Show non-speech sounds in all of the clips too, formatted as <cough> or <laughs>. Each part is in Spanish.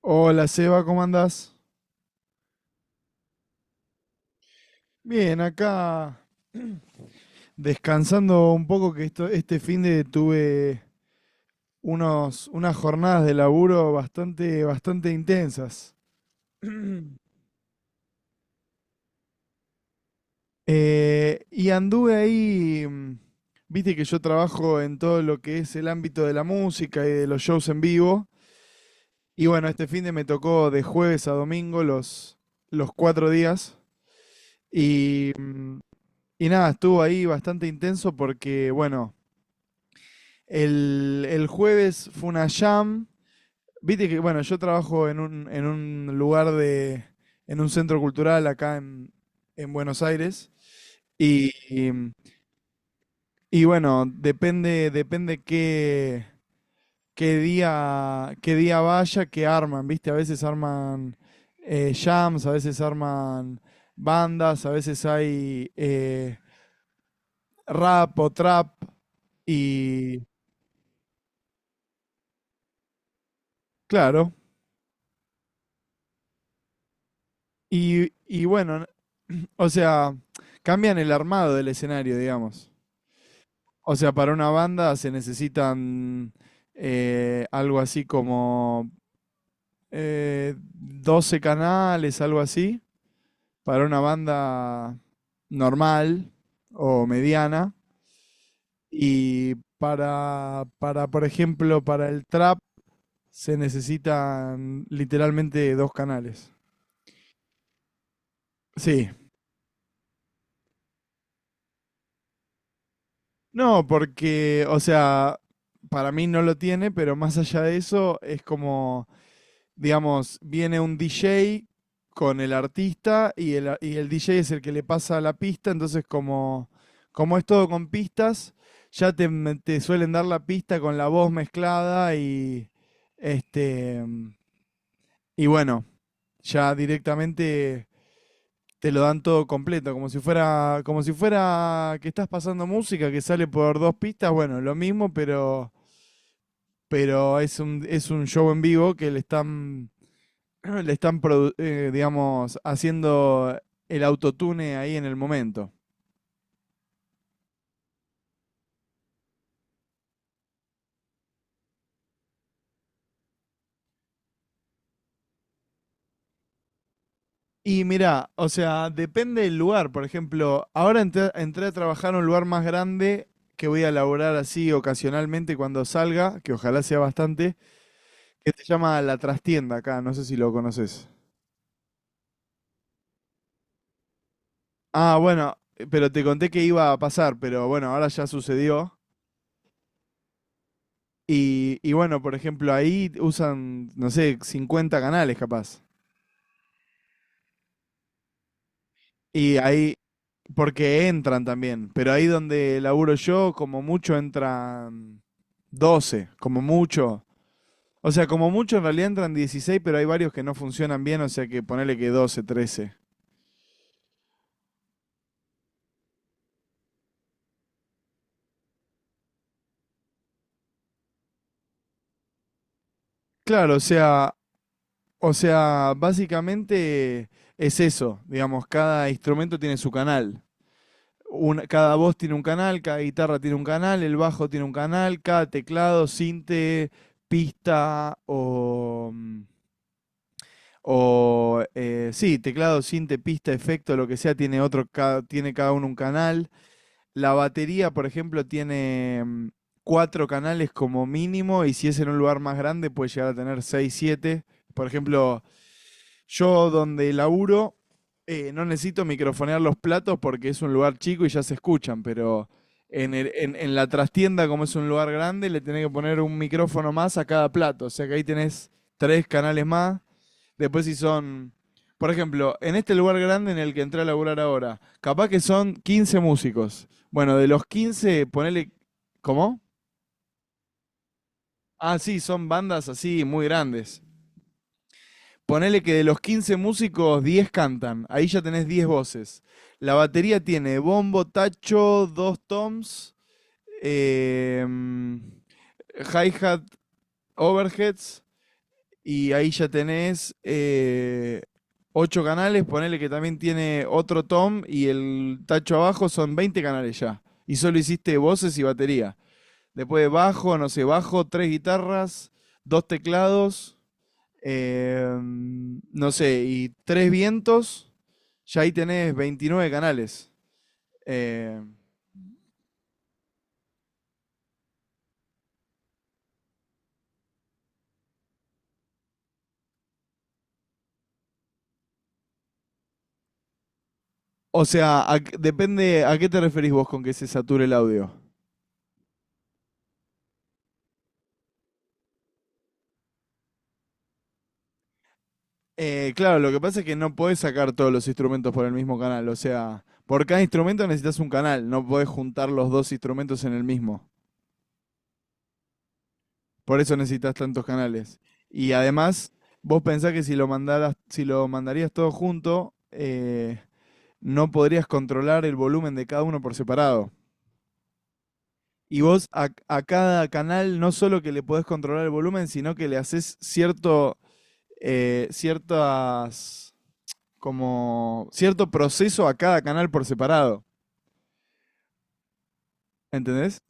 Hola Seba, ¿cómo andás? Bien, acá descansando un poco que este fin de tuve unas jornadas de laburo bastante, bastante intensas. <clears throat> Y anduve ahí, viste que yo trabajo en todo lo que es el ámbito de la música y de los shows en vivo. Y bueno, este fin de me tocó de jueves a domingo los 4 días. Y, y nada, estuvo ahí bastante intenso porque, bueno, el jueves fue una jam. Viste que, bueno, yo trabajo en un centro cultural acá en Buenos Aires. Y, y, y bueno, depende qué día vaya, que arman, ¿viste? A veces arman jams, a veces arman bandas, a veces hay rap o trap. Y claro, y bueno, o sea, cambian el armado del escenario, digamos. O sea, para una banda se necesitan algo así como 12 canales, algo así, para una banda normal o mediana. Y por ejemplo, para el trap se necesitan literalmente dos canales. Sí. No, porque, o sea, para mí no lo tiene, pero más allá de eso es como... digamos, viene un DJ con el artista y el DJ es el que le pasa la pista, entonces como es todo con pistas, ya te suelen dar la pista con la voz mezclada y este y bueno, ya directamente te lo dan todo completo, como si fuera que estás pasando música que sale por dos pistas, bueno, lo mismo, pero es un, show en vivo que le están, <clears throat> digamos, haciendo el autotune ahí en el momento. Y mirá, o sea, depende del lugar. Por ejemplo, ahora entré a trabajar a un lugar más grande que voy a laburar así ocasionalmente cuando salga, que ojalá sea bastante, que se llama La Trastienda acá, no sé si lo conoces. Ah, bueno, pero te conté que iba a pasar, pero bueno, ahora ya sucedió. Y bueno, por ejemplo, ahí usan, no sé, 50 canales capaz. Y ahí, porque entran también, pero ahí donde laburo yo, como mucho entran 12, como mucho. O sea, como mucho en realidad entran 16, pero hay varios que no funcionan bien, o sea que ponele que 12, 13. Claro, o sea, básicamente es eso, digamos, cada instrumento tiene su canal. Cada voz tiene un canal, cada guitarra tiene un canal, el bajo tiene un canal, cada teclado, sinte, pista o teclado, sinte, pista, efecto, lo que sea, tiene tiene cada uno un canal. La batería, por ejemplo, tiene cuatro canales como mínimo y si es en un lugar más grande puede llegar a tener seis, siete. Por ejemplo, yo donde laburo no necesito microfonear los platos porque es un lugar chico y ya se escuchan, pero en la trastienda, como es un lugar grande, le tenés que poner un micrófono más a cada plato. O sea que ahí tenés tres canales más. Después si son, por ejemplo, en este lugar grande en el que entré a laburar ahora, capaz que son 15 músicos. Bueno, de los 15 ponele... ¿Cómo? Ah, sí, son bandas así muy grandes. Ponele que de los 15 músicos, 10 cantan. Ahí ya tenés 10 voces. La batería tiene bombo, tacho, dos toms, eh, hi-hat, overheads. Y ahí ya tenés 8 canales. Ponele que también tiene otro tom y el tacho abajo. Son 20 canales ya. Y solo hiciste voces y batería. Después bajo, no sé, bajo, tres guitarras, dos teclados no sé, y Tres Vientos, ya ahí tenés 29 canales. Eh, o sea, a depende a qué te referís vos con que se sature el audio. Claro, lo que pasa es que no podés sacar todos los instrumentos por el mismo canal. O sea, por cada instrumento necesitas un canal, no podés juntar los dos instrumentos en el mismo. Por eso necesitas tantos canales. Y además, vos pensás que si lo mandaras, si lo mandarías todo junto, no podrías controlar el volumen de cada uno por separado. Y vos a cada canal no solo que le podés controlar el volumen, sino que le haces cierto, ciertas, como, cierto proceso a cada canal por separado, ¿entendés?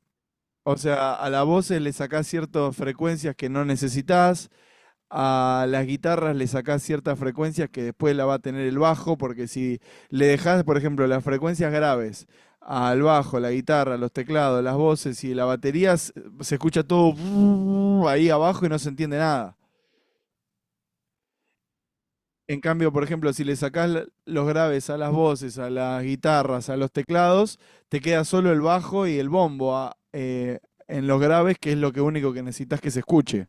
O sea, a la voz le sacás ciertas frecuencias que no necesitas a las guitarras le sacás ciertas frecuencias que después la va a tener el bajo, porque si le dejás, por ejemplo, las frecuencias graves al bajo, la guitarra, los teclados, las voces y la batería, se escucha todo <laughs> ahí abajo y no se entiende nada. En cambio, por ejemplo, si le sacás los graves a las voces, a las guitarras, a los teclados, te queda solo el bajo y el bombo en los graves, que es lo que único que necesitas que se escuche.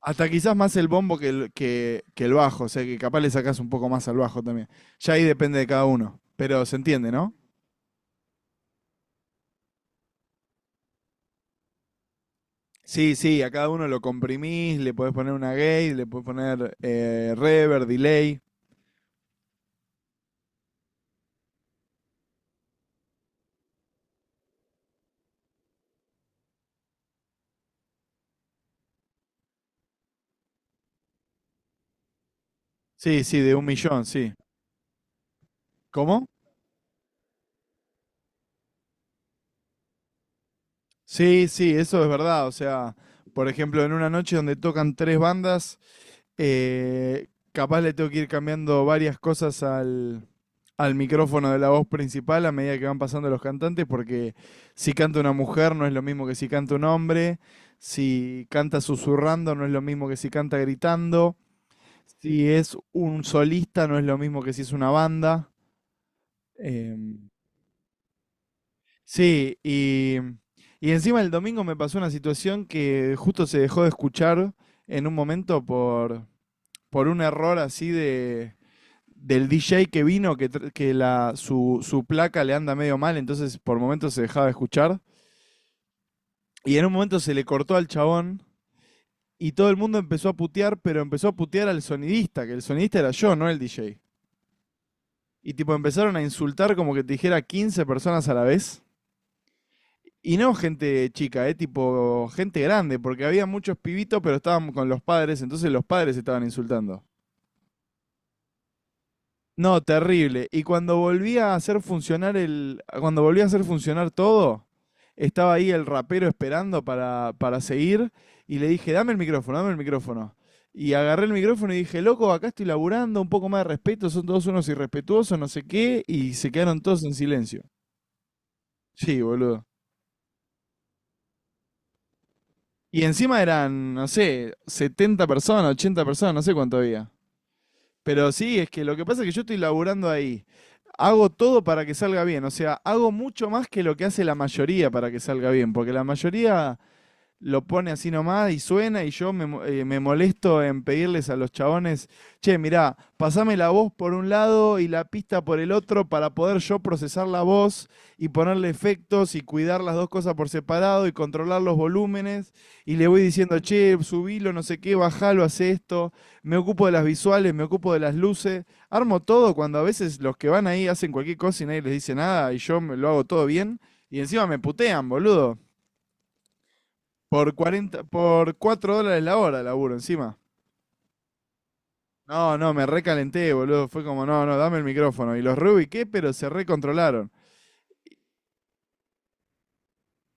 Hasta quizás más el bombo que el bajo, o sea que capaz le sacás un poco más al bajo también. Ya ahí depende de cada uno, pero se entiende, ¿no? Sí, sí, a cada uno lo comprimís, le podés poner una gate, le podés poner reverb, delay. Sí, sí, de un millón, sí. ¿Cómo? Sí, sí, eso es verdad. O sea, por ejemplo, en una noche donde tocan tres bandas, capaz le tengo que ir cambiando varias cosas al, al micrófono de la voz principal a medida que van pasando los cantantes, porque si canta una mujer no es lo mismo que si canta un hombre, si canta susurrando no es lo mismo que si canta gritando, si es un solista no es lo mismo que si es una banda. Em, sí, y encima el domingo me pasó una situación que justo se dejó de escuchar en un momento por un error así de del DJ que vino, que su placa le anda medio mal, entonces por momentos se dejaba de escuchar. Y en un momento se le cortó al chabón y todo el mundo empezó a putear, pero empezó a putear al sonidista, que el sonidista era yo, no el DJ. Y tipo empezaron a insultar como que te dijera 15 personas a la vez. Y no gente chica, tipo gente grande, porque había muchos pibitos, pero estaban con los padres, entonces los padres estaban insultando. No, terrible. Y cuando volví a hacer funcionar el, cuando volví a hacer funcionar todo, estaba ahí el rapero esperando para seguir y le dije, dame el micrófono, dame el micrófono. Y agarré el micrófono y dije, loco, acá estoy laburando, un poco más de respeto, son todos unos irrespetuosos, no sé qué, y se quedaron todos en silencio. Sí, boludo. Y encima eran, no sé, 70 personas, 80 personas, no sé cuánto había. Pero sí, es que lo que pasa es que yo estoy laburando ahí. Hago todo para que salga bien, o sea, hago mucho más que lo que hace la mayoría para que salga bien, porque la mayoría lo pone así nomás y suena y yo me, me molesto en pedirles a los chabones, che, mirá, pasame la voz por un lado y la pista por el otro para poder yo procesar la voz y ponerle efectos y cuidar las dos cosas por separado y controlar los volúmenes y le voy diciendo, che, subilo, no sé qué, bajalo, hace esto, me ocupo de las visuales, me ocupo de las luces, armo todo cuando a veces los que van ahí hacen cualquier cosa y nadie les dice nada y yo me lo hago todo bien y encima me putean, boludo. Por 40 por 4 dólares la hora laburo encima. No, no, me recalenté, boludo. Fue como, no, no, dame el micrófono. Y los reubiqué, pero se recontrolaron.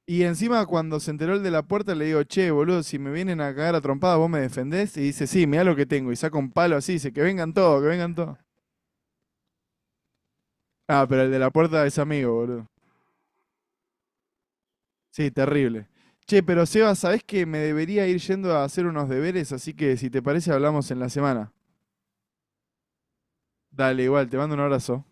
Y encima cuando se enteró el de la puerta le digo, che, boludo, si me vienen a cagar a trompada, vos me defendés. Y dice, sí, mirá lo que tengo. Y saca un palo así, dice, que vengan todos, que vengan todos. Ah, pero el de la puerta es amigo, boludo. Sí, terrible. Che, pero Seba, ¿sabés que me debería ir yendo a hacer unos deberes? Así que si te parece hablamos en la semana. Dale, igual, te mando un abrazo.